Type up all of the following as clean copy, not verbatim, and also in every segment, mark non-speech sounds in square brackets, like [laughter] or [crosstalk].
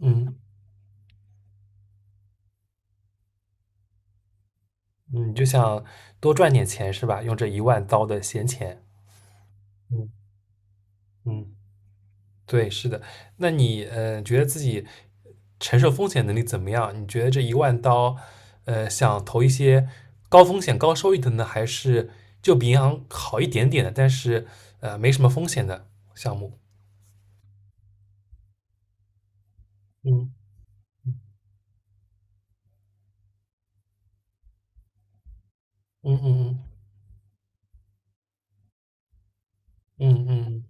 嗯嗯，就想多赚点钱是吧？用这一万刀的闲钱。嗯嗯，对，是的。那你觉得自己承受风险能力怎么样？你觉得这一万刀，想投一些高风险高收益的呢，还是就比银行好一点点的，但是没什么风险的项目？嗯嗯嗯嗯嗯嗯嗯。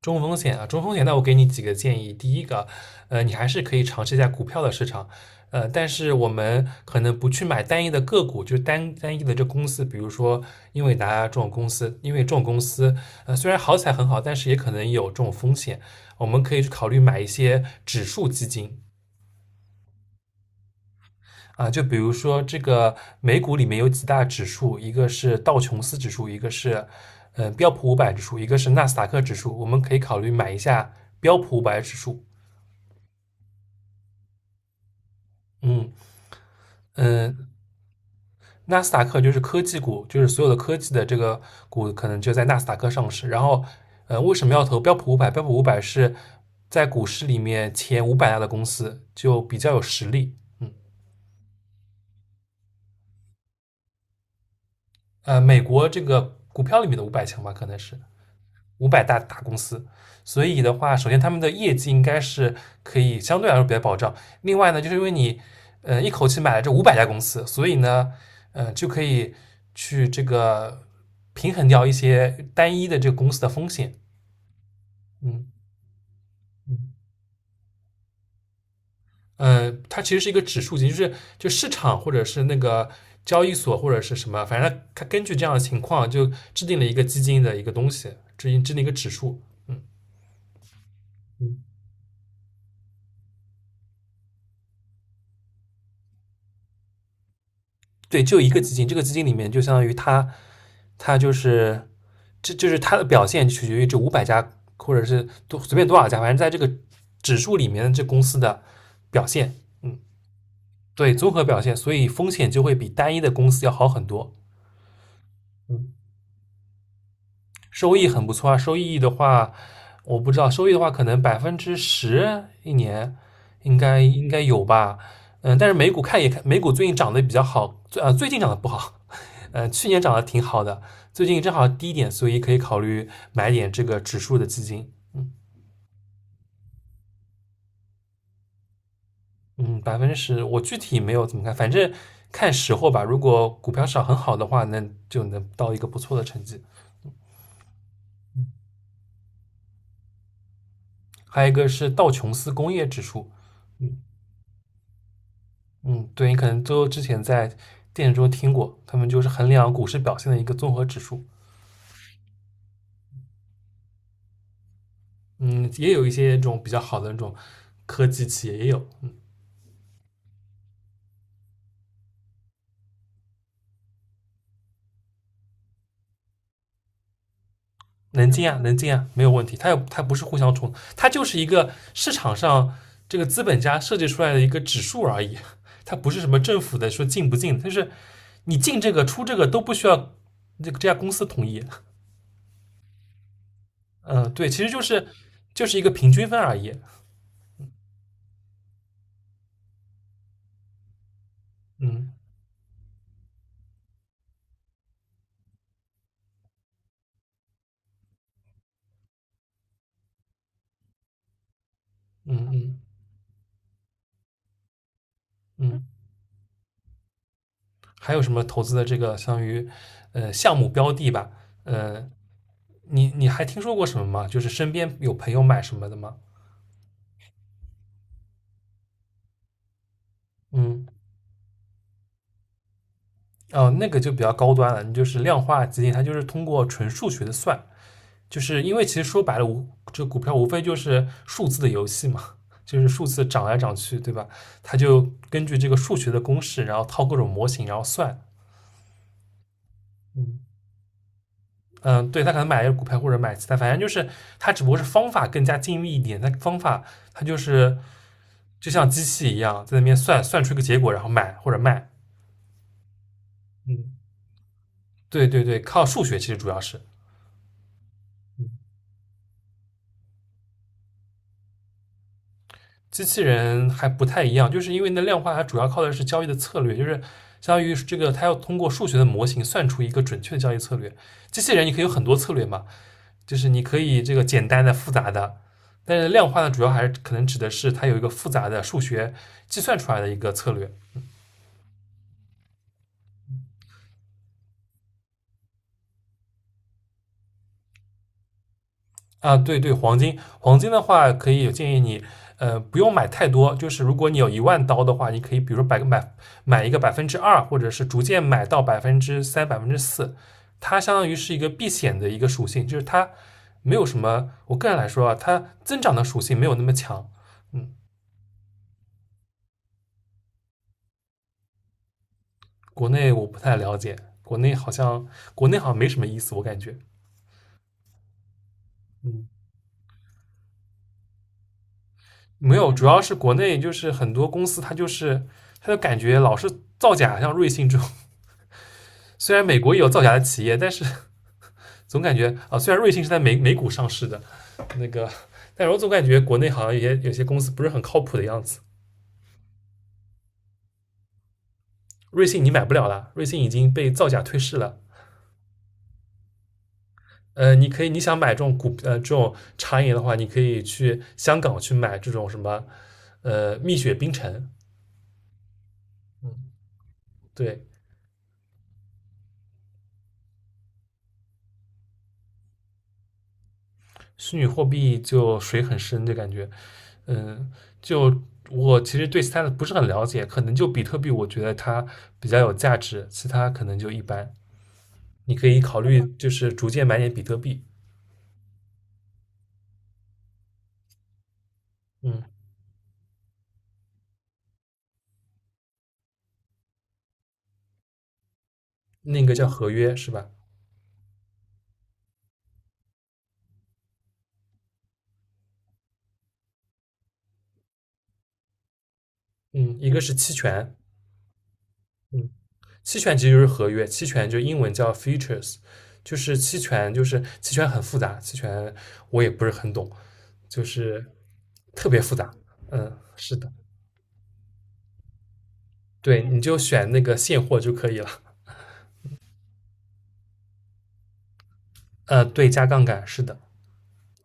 中风险啊，中风险，那我给你几个建议。第一个，你还是可以尝试一下股票的市场，但是我们可能不去买单一的个股，就是单一的这公司，比如说英伟达这种公司，因为这种公司，虽然好起来很好，但是也可能有这种风险。我们可以去考虑买一些指数基金。啊，就比如说这个美股里面有几大指数，一个是道琼斯指数，一个是标普五百指数，一个是纳斯达克指数，我们可以考虑买一下标普五百指数。嗯嗯，纳斯达克就是科技股，就是所有的科技的这个股可能就在纳斯达克上市。然后，为什么要投标普五百？标普五百是在股市里面前500大的公司，就比较有实力。嗯，美国这个股票里面的500强吧，可能是。五百大公司，所以的话，首先他们的业绩应该是可以相对来说比较保障。另外呢，就是因为你，一口气买了这五百家公司，所以呢，就可以去这个平衡掉一些单一的这个公司的风险。嗯嗯，它其实是一个指数级，就是就市场或者是那个交易所或者是什么，反正它根据这样的情况就制定了一个基金的一个东西，制定一个指数。嗯嗯。对，就一个基金，这个基金里面就相当于它，就是这就是它的表现取决于这五百家或者是随便多少家，反正在这个指数里面这公司的表现。嗯，对，综合表现，所以风险就会比单一的公司要好很多。嗯。收益很不错啊。收益的话，我不知道，收益的话可能百分之十一年应该有吧。嗯，但是美股看也看，美股最近涨得比较好，最近涨得不好，[laughs] 去年涨得挺好的，最近正好低一点，所以可以考虑买点这个指数的基金。嗯嗯，百分之十，我具体没有怎么看，反正看时候吧。如果股票市场很好的话，那就能到一个不错的成绩。还有一个是道琼斯工业指数。嗯。嗯，对，你可能都之前在电影中听过，他们就是衡量股市表现的一个综合指数。嗯，也有一些这种比较好的那种科技企业也有。嗯。能进啊，能进啊，没有问题。它不是互相冲，它就是一个市场上这个资本家设计出来的一个指数而已，它不是什么政府的说进不进，就是你进这个出这个都不需要这家公司同意。嗯，对，其实就是一个平均分而已。嗯嗯嗯嗯。还有什么投资的这个相当于项目标的吧？呃，你还听说过什么吗？就是身边有朋友买什么的吗？嗯。哦，那个就比较高端了，你就是量化基金，它就是通过纯数学的算，就是因为其实说白了，无这股票无非就是数字的游戏嘛。[laughs] 就是数字涨来涨去，对吧？它就根据这个数学的公式，然后套各种模型，然后算。嗯。嗯，对他可能买一个股票或者买其他，反正就是他只不过是方法更加精密一点。他方法他就是就像机器一样在那边算出一个结果，然后买或者卖。嗯，对对对，靠数学其实主要是。嗯。机器人还不太一样，就是因为那量化它主要靠的是交易的策略，就是相当于这个它要通过数学的模型算出一个准确的交易策略。机器人你可以有很多策略嘛，就是你可以这个简单的、复杂的，但是量化呢，主要还是可能指的是它有一个复杂的数学计算出来的一个策略。啊。对对，黄金，黄金的话可以有建议你，不用买太多，就是如果你有一万刀的话，你可以比如说百个买一个2%，或者是逐渐买到3%、4%，它相当于是一个避险的一个属性，就是它没有什么，我个人来说啊，它增长的属性没有那么强。嗯。国内我不太了解，国内好像国内好像没什么意思，我感觉。嗯，没有，主要是国内就是很多公司它就感觉老是造假，像瑞幸这种。[laughs] 虽然美国也有造假的企业，但是 [laughs] 总感觉啊，虽然瑞幸是在美股上市的，那个，但是我总感觉国内好像有些公司不是很靠谱的样子。瑞幸你买不了了，瑞幸已经被造假退市了。你可以你想买这种茶饮的话，你可以去香港去买这种什么蜜雪冰城。嗯，对。虚拟货币就水很深的感觉。嗯，就我其实对其他的不是很了解，可能就比特币，我觉得它比较有价值，其他可能就一般。你可以考虑就是逐渐买点比特币。嗯，那个叫合约是吧？嗯，一个是期权。嗯，期权其实就是合约，期权就英文叫 futures，就是期权，就是期权很复杂，期权我也不是很懂，就是特别复杂。嗯，是的。对，你就选那个现货就可以了。对，加杠杆是的，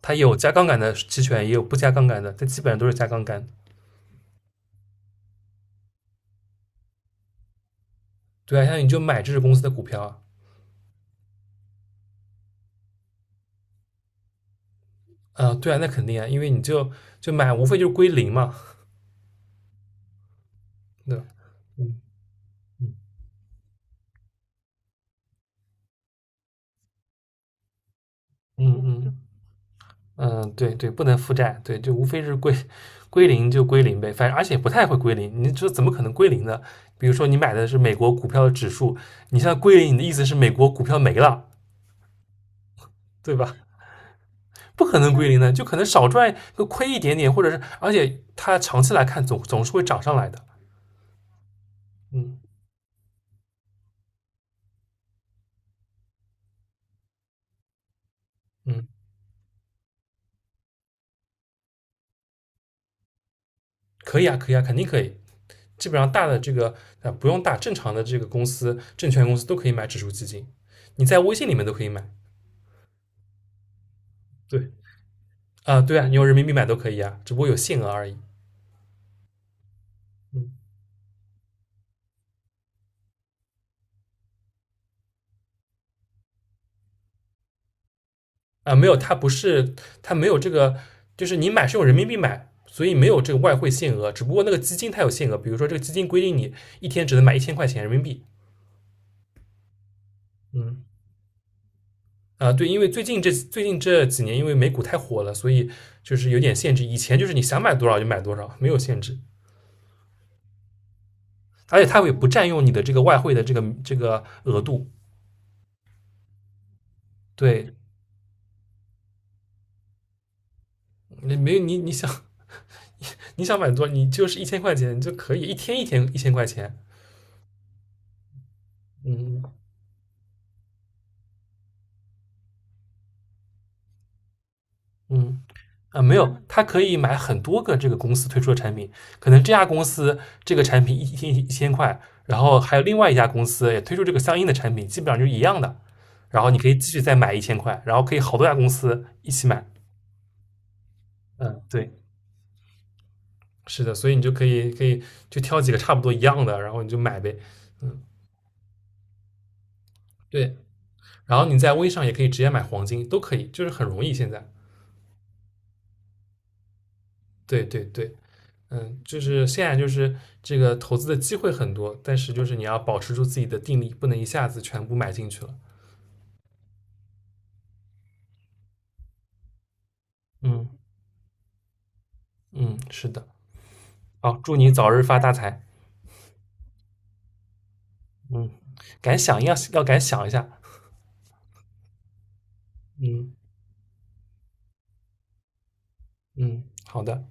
它有加杠杆的期权，也有不加杠杆的，但基本上都是加杠杆。对啊，像你就买这只公司的股票啊。啊、对啊，那肯定啊，因为你就买，无非就是归零嘛。对吧。嗯嗯嗯嗯嗯，嗯，对对，不能负债，对，就无非是归零就归零呗，反正而且不太会归零，你这怎么可能归零呢？比如说你买的是美国股票的指数，你现在归零，你的意思是美国股票没了，对吧？不可能归零的，就可能少赚就亏一点点，或者是，而且它长期来看总是会涨上来的。嗯嗯，可以啊，可以啊，肯定可以。基本上大的不用大，正常的这个公司、证券公司都可以买指数基金，你在微信里面都可以买。对啊，对啊，你用人民币买都可以啊，只不过有限额而已。嗯啊，没有，它不是它没有这个，就是你买是用人民币买，所以没有这个外汇限额，只不过那个基金它有限额，比如说这个基金规定你一天只能买一千块钱人民币。嗯。啊，对，因为最近这几年，因为美股太火了，所以就是有点限制。以前就是你想买多少就买多少，没有限制，而且它也不占用你的这个外汇的这个额度。对，你没有你你想你想买多，少，你就是一千块钱就可以一天一千块钱。嗯嗯。啊，没有，它可以买很多个这个公司推出的产品，可能这家公司这个产品一天一千块，然后还有另外一家公司也推出这个相应的产品，基本上就是一样的。然后你可以继续再买一千块，然后可以好多家公司一起买。嗯，对，是的，所以你就可以就挑几个差不多一样的，然后你就买呗。嗯，对，然后你在微商也可以直接买黄金，都可以，就是很容易现在。对对对。嗯，就是现在就是这个投资的机会很多，但是就是你要保持住自己的定力，不能一下子全部买进去了。嗯嗯，是的。好，祝你早日发大财。嗯，敢想一下。嗯嗯，好的。